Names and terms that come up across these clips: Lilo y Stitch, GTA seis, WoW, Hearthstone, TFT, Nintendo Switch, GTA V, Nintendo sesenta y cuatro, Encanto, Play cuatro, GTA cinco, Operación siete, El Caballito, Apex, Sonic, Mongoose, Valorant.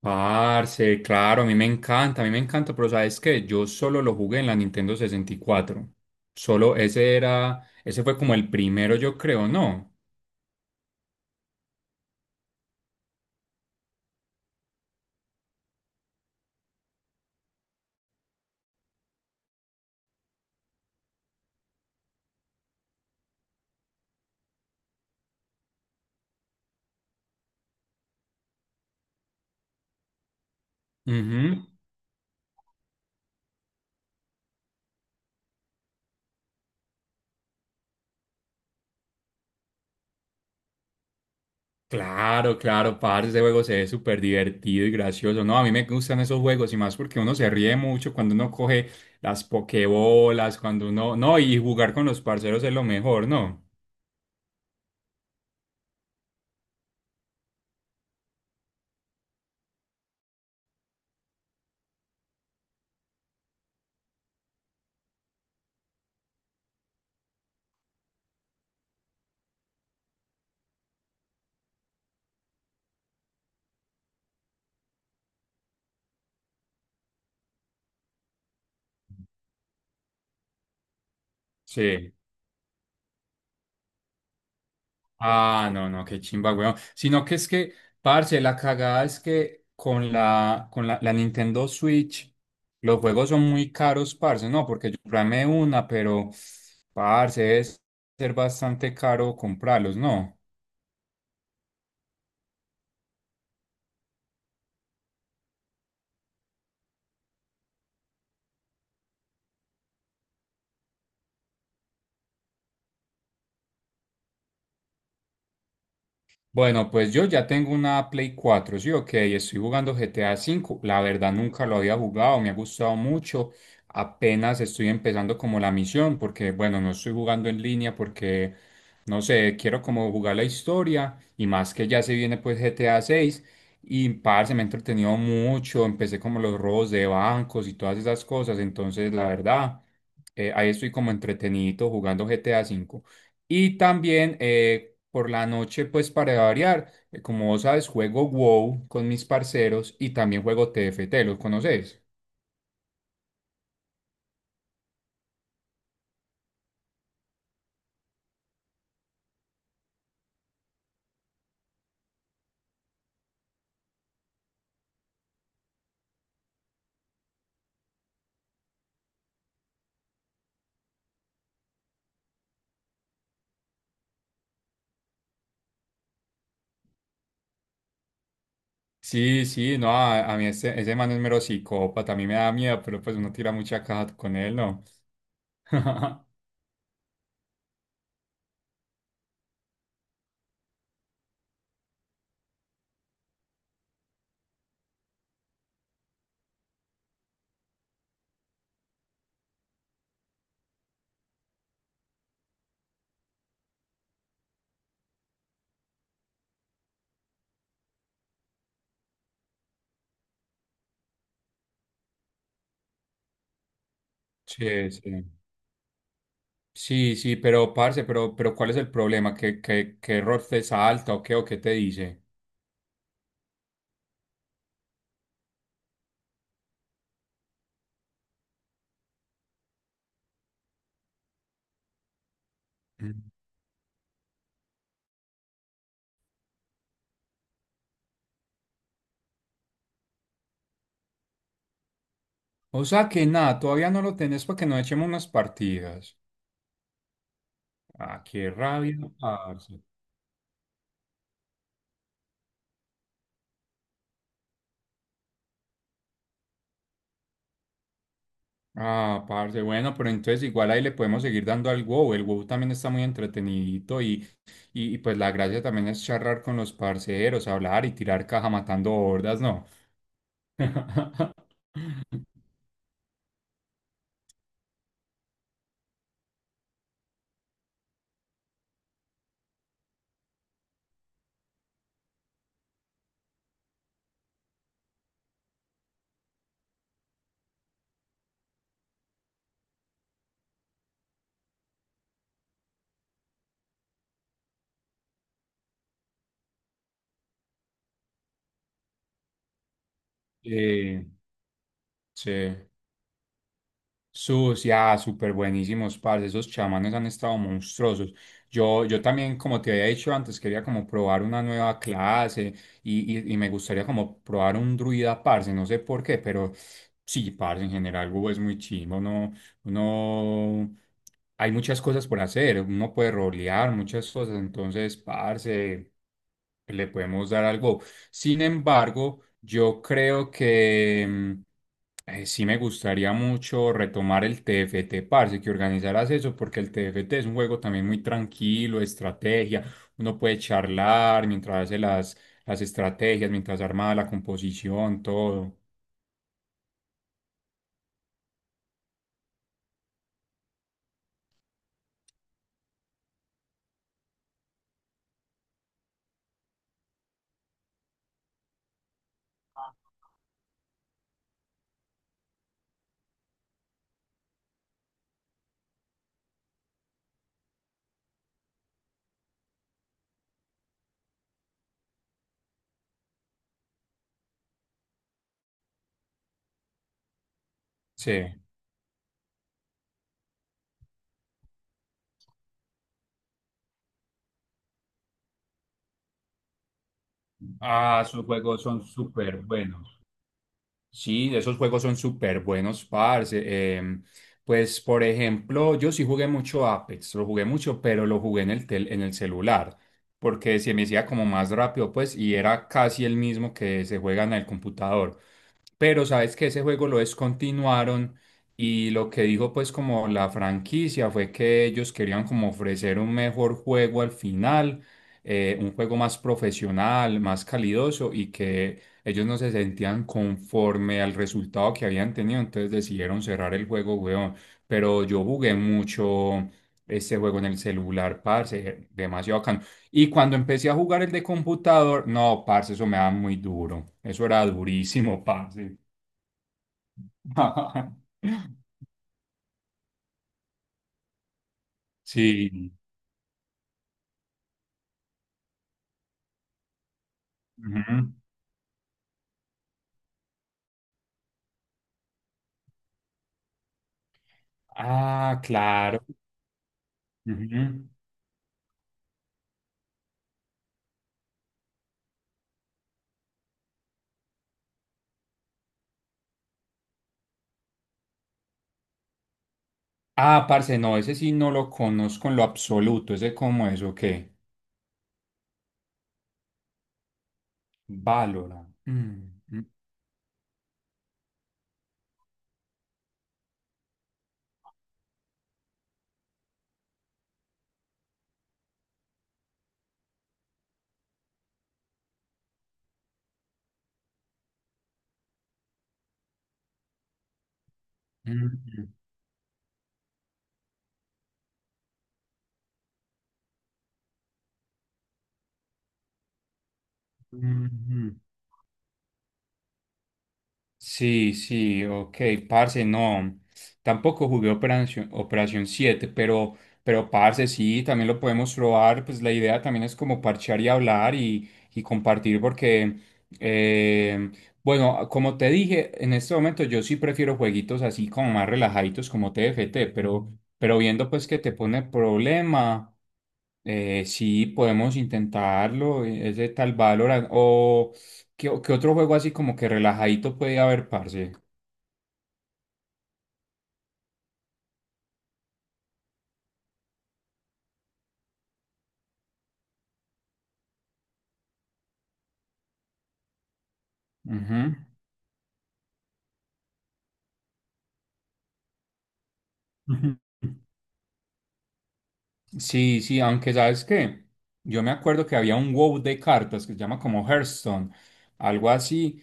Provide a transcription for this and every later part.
Parce, claro, a mí me encanta, a mí me encanta, pero ¿sabes qué? Yo solo lo jugué en la Nintendo 64. Solo ese era, ese fue como el primero, yo creo, ¿no? Ujú. Claro, claro, parce, ese juego se ve súper divertido y gracioso. No, a mí me gustan esos juegos y más porque uno se ríe mucho cuando uno coge las pokebolas, cuando uno, no, y jugar con los parceros es lo mejor, ¿no? Sí. Ah, no, no, qué chimba, weón. Sino que es que, parce, la cagada es que con la Nintendo Switch, los juegos son muy caros, parce, no, porque yo programé una, pero, parce, es ser bastante caro comprarlos, ¿no? Bueno, pues yo ya tengo una Play 4, sí, ok, estoy jugando GTA 5. La verdad nunca lo había jugado, me ha gustado mucho. Apenas estoy empezando como la misión, porque bueno, no estoy jugando en línea porque, no sé, quiero como jugar la historia y más que ya se viene pues GTA 6. Y parce, me he entretenido mucho, empecé como los robos de bancos y todas esas cosas, entonces la verdad, ahí estoy como entretenido jugando GTA V. Y también por la noche, pues para variar, como vos sabes, juego WoW con mis parceros y también juego TFT, ¿los conoces? Sí, sí, no, a mí ese man es mero psicópata, a mí me da miedo, pero pues uno tira mucha caja con él, ¿no? Sí, sí. Sí, sí, pero parce, ¿cuál es el problema? ¿Qué error te salta o qué te dice? Mm. O sea que nada, todavía no lo tenés para que nos echemos unas partidas. Ah, qué rabia, parce. Ah, parce, bueno, pero entonces igual ahí le podemos seguir dando al WoW. El WoW también está muy entretenidito y pues la gracia también es charlar con los parceros, hablar y tirar caja matando hordas, ¿no? Eh, sí. Sus, ya, súper buenísimos, parce. Esos chamanes han estado monstruosos. Yo también, como te había dicho antes, quería como probar una nueva clase y me gustaría como probar un druida, parce. No sé por qué, pero sí, parce, en general, Google es muy chimo, ¿no? Uno, hay muchas cosas por hacer, uno puede rolear muchas cosas, entonces, parce, le podemos dar algo. Sin embargo, yo creo que sí me gustaría mucho retomar el TFT, parce, que organizaras eso, porque el TFT es un juego también muy tranquilo, de estrategia, uno puede charlar mientras hace las estrategias, mientras arma la composición, todo. Sí. Ah, sus juegos son súper buenos. Sí, esos juegos son súper buenos, parce. Pues, por ejemplo, yo sí jugué mucho Apex, lo jugué mucho, pero lo jugué en en el celular, porque se me hacía como más rápido, pues, y era casi el mismo que se juega en el computador. Pero sabes que ese juego lo descontinuaron y lo que dijo pues como la franquicia fue que ellos querían como ofrecer un mejor juego al final, un juego más profesional, más calidoso y que ellos no se sentían conforme al resultado que habían tenido, entonces decidieron cerrar el juego, weón. Pero yo jugué mucho ese juego en el celular, parce, demasiado bacano. Y cuando empecé a jugar el de computador, no, parce, eso me daba muy duro. Eso era durísimo, parce. Sí. Ujú. Ah, claro. Ujú. Ah, parce, no, ese sí no lo conozco en lo absoluto. Ese como eso, ¿qué? Valora. Mm, mm, mm, mm, mm. Mm. Sí, sí, ok, parce, no, tampoco jugué Operación 7, pero, sí, también lo podemos probar, pues la idea también es como parchar y hablar y compartir porque, eh, bueno, como te dije, en este momento yo sí prefiero jueguitos así como más relajaditos como TFT, pero viendo pues que te pone problema. Sí, podemos intentarlo, ese tal Valorant, qué otro juego así como que relajadito puede haber, parce. Ujú. Ujú. Sí, sí, aunque sabes qué, yo me acuerdo que había un WoW de cartas que se llama como Hearthstone, algo así,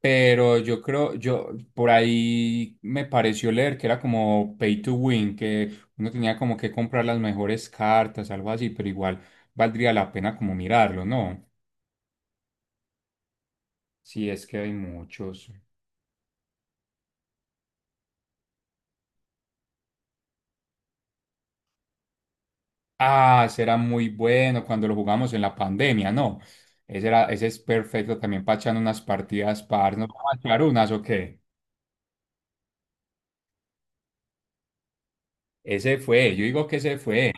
pero yo creo, yo por ahí me pareció leer que era como pay to win, que uno tenía como que comprar las mejores cartas, algo así, pero igual valdría la pena como mirarlo, ¿no? Sí, es que hay muchos. Ah, ese era muy bueno cuando lo jugamos en la pandemia, ¿no? Ese es perfecto también para echar unas partidas par. ¿No vamos a echar unas o qué? Ese fue, yo digo que ese fue.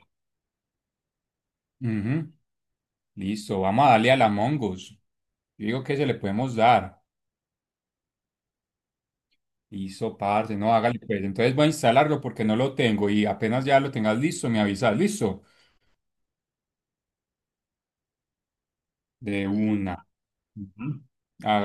Ujú. Listo, vamos a darle a la Mongoose. Yo digo que se le podemos dar. Listo, parce, no, hágale pues. Entonces voy a instalarlo porque no lo tengo y apenas ya lo tengas listo, me avisas, listo. De una. Ujú. Hágale.